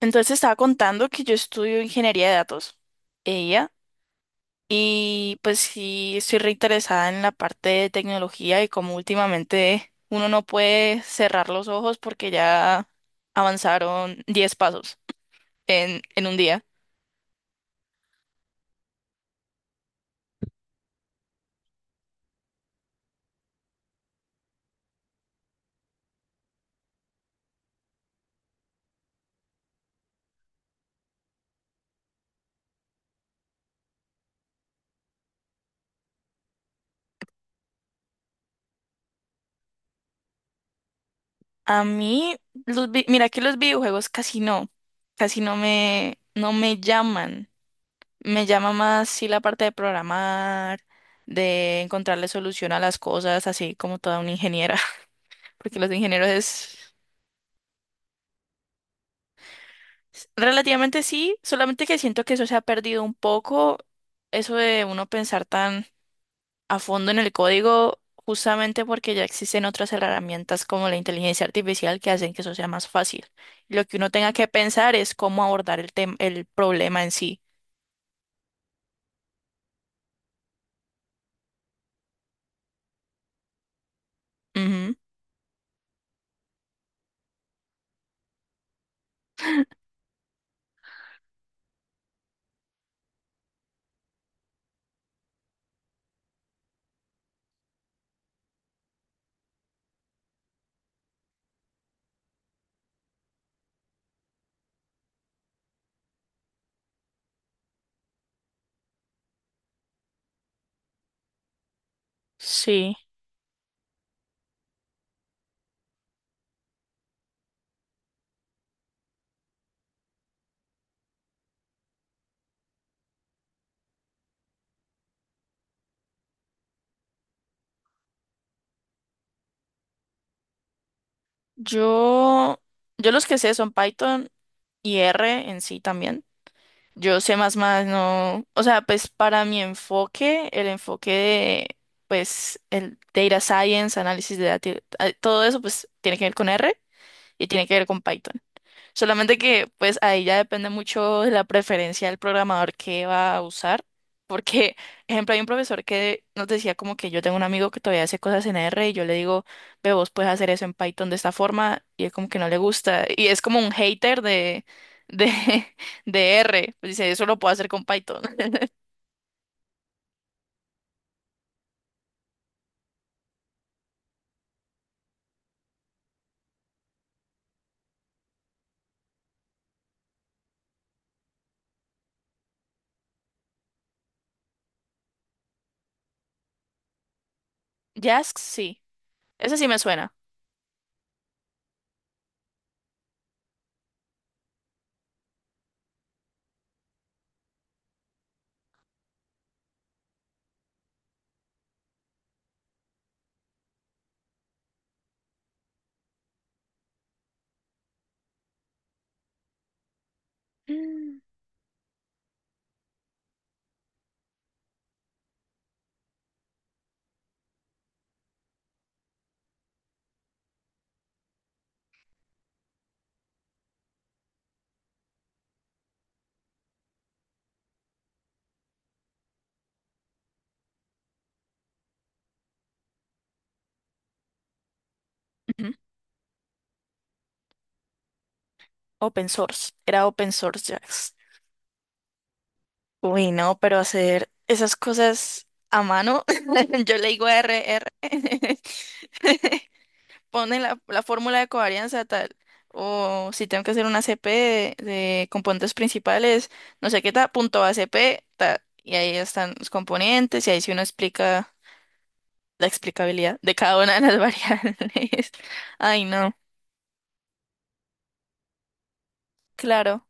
Entonces estaba contando que yo estudio ingeniería de datos, ella, y pues sí estoy reinteresada en la parte de tecnología y como últimamente uno no puede cerrar los ojos porque ya avanzaron 10 pasos en un día. A mí, mira que los videojuegos casi no, no me llaman. Me llama más sí la parte de programar, de encontrarle solución a las cosas, así como toda una ingeniera. Porque los ingenieros es relativamente sí, solamente que siento que eso se ha perdido un poco, eso de uno pensar tan a fondo en el código, justamente porque ya existen otras herramientas como la inteligencia artificial que hacen que eso sea más fácil. Lo que uno tenga que pensar es cómo abordar el el problema en sí. Ujú. Sí, yo, yo los que sé son Python y R en sí también. Yo sé más más, no, o sea, pues para mi enfoque, el enfoque de, pues, el data science, análisis de datos, todo eso, pues, tiene que ver con R y tiene que ver con Python. Solamente que pues ahí ya depende mucho de la preferencia del programador que va a usar, porque, ejemplo, hay un profesor que nos decía como que yo tengo un amigo que todavía hace cosas en R y yo le digo, ve, vos puedes hacer eso en Python de esta forma y él como que no le gusta y es como un hater de, de R, pues dice, eso lo puedo hacer con Python. Jax, sí, ese sí me suena. Mm. Ujú. Open source, era open source Jax. Uy, no, pero hacer esas cosas a mano, yo le digo r r pone la fórmula de covarianza tal, o si tengo que hacer una CP de componentes principales, no sé qué tal, punto a c p tal, y ahí están los componentes, y ahí sí uno explica la explicabilidad de cada una de las variables. Ay, no, claro.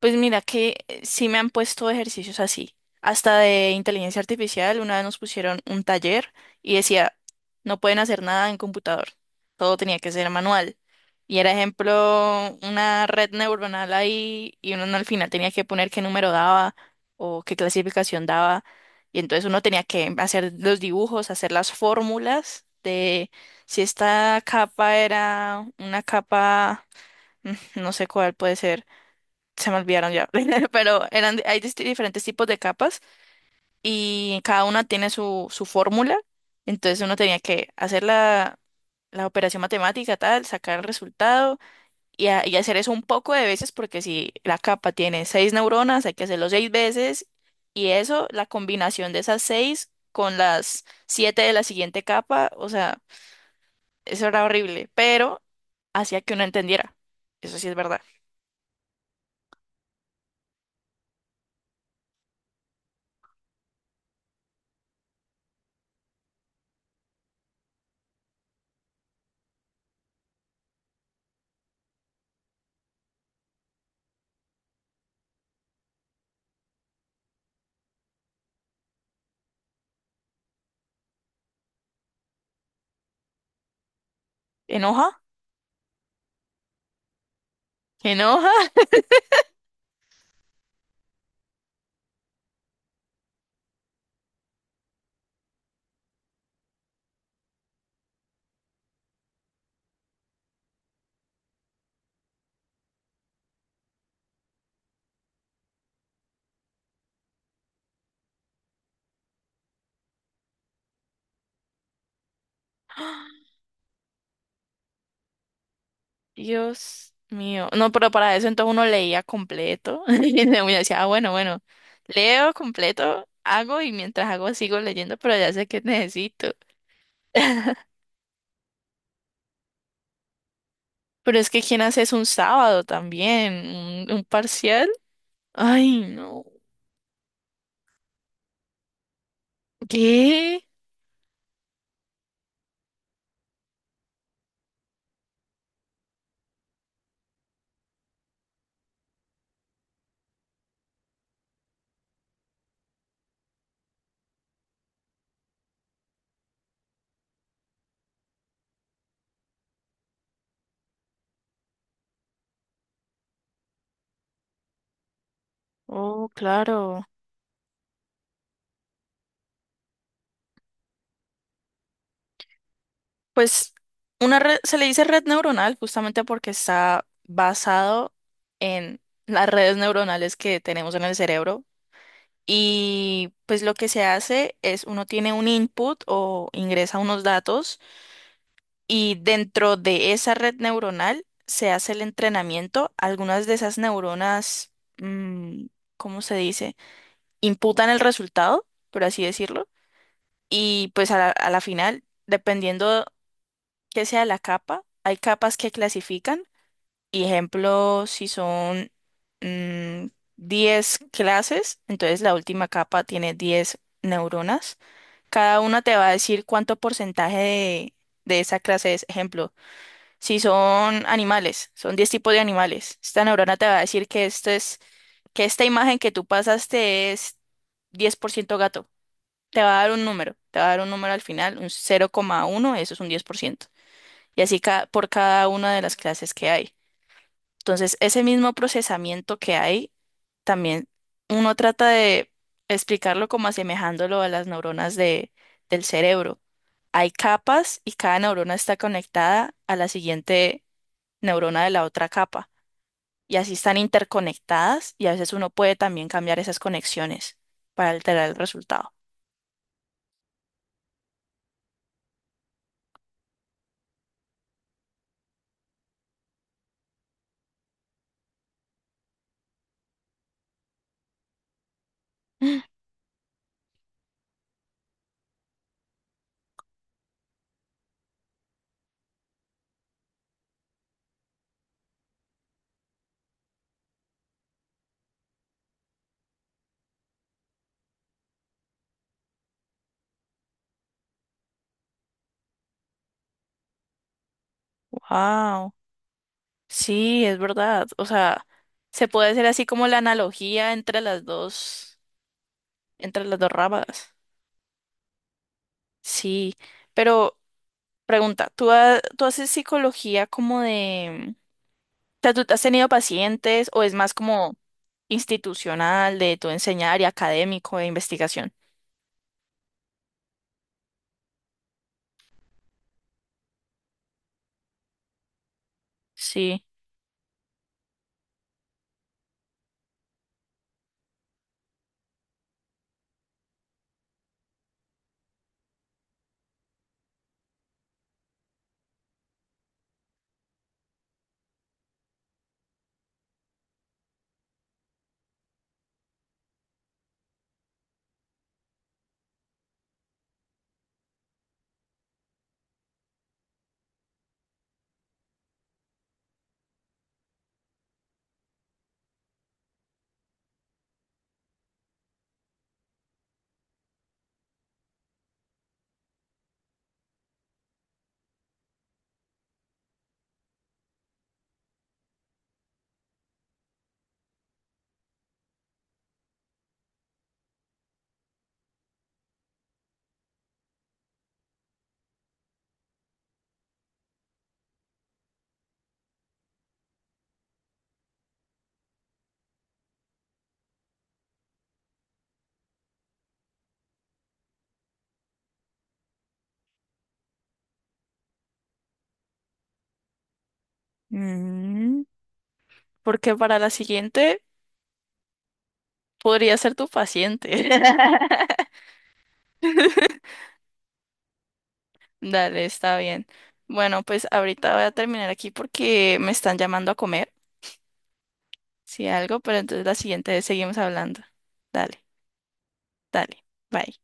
Pues mira que sí me han puesto ejercicios así, hasta de inteligencia artificial. Una vez nos pusieron un taller y decía, no pueden hacer nada en computador, todo tenía que ser manual. Y era ejemplo una red neuronal ahí y uno al final tenía que poner qué número daba o qué clasificación daba. Y entonces uno tenía que hacer los dibujos, hacer las fórmulas de si esta capa era una capa, mm, no sé cuál puede ser, se me olvidaron ya, pero eran, hay diferentes tipos de capas y cada una tiene su fórmula, entonces uno tenía que hacer la operación matemática, tal, sacar el resultado y, y hacer eso un poco de veces porque si la capa tiene seis neuronas, hay que hacerlo seis veces y eso, la combinación de esas seis con las siete de la siguiente capa, o sea, eso era horrible, pero hacía que uno entendiera, eso sí es verdad. ¿Enoja? ¿Enoja? Dios mío. No, pero para eso entonces uno leía completo. Y luego uno decía, ah, bueno, bueno, leo completo, hago y mientras hago sigo leyendo, pero ya sé que necesito. Pero es que ¿quién hace eso un sábado también? Un parcial? Ay, no. ¿Qué? Oh, claro. Pues una red, se le dice red neuronal justamente porque está basado en las redes neuronales que tenemos en el cerebro. Y pues lo que se hace es uno tiene un input o ingresa unos datos y dentro de esa red neuronal se hace el entrenamiento. Algunas de esas neuronas, mm, ¿cómo se dice? Imputan el resultado, por así decirlo. Y pues a la final, dependiendo que sea la capa, hay capas que clasifican. Y ejemplo, si son mm, 10 clases, entonces la última capa tiene 10 neuronas. Cada uno te va a decir cuánto porcentaje de esa clase es. Ejemplo, si son animales, son 10 tipos de animales. Esta neurona te va a decir que esto es, que esta imagen que tú pasaste es 10% gato. Te va a dar un número, te va a dar un número al final, un 0,1, eso es un 10%. Y así por cada una de las clases que hay. Entonces, ese mismo procesamiento que hay, también uno trata de explicarlo como asemejándolo a las neuronas del cerebro. Hay capas y cada neurona está conectada a la siguiente neurona de la otra capa. Y así están interconectadas y a veces uno puede también cambiar esas conexiones para alterar el resultado. Wow, sí, es verdad. O sea, se puede hacer así como la analogía entre las dos ramas. Sí, pero pregunta, ¿tú haces psicología como sea, ¿tú has tenido pacientes o es más como institucional de tu enseñar y académico de investigación? Sí. Mm, porque para la siguiente podría ser tu paciente. Dale, está bien. Bueno, pues ahorita voy a terminar aquí porque me están llamando a comer, si algo, pero entonces la siguiente vez seguimos hablando. Dale, dale. Bye.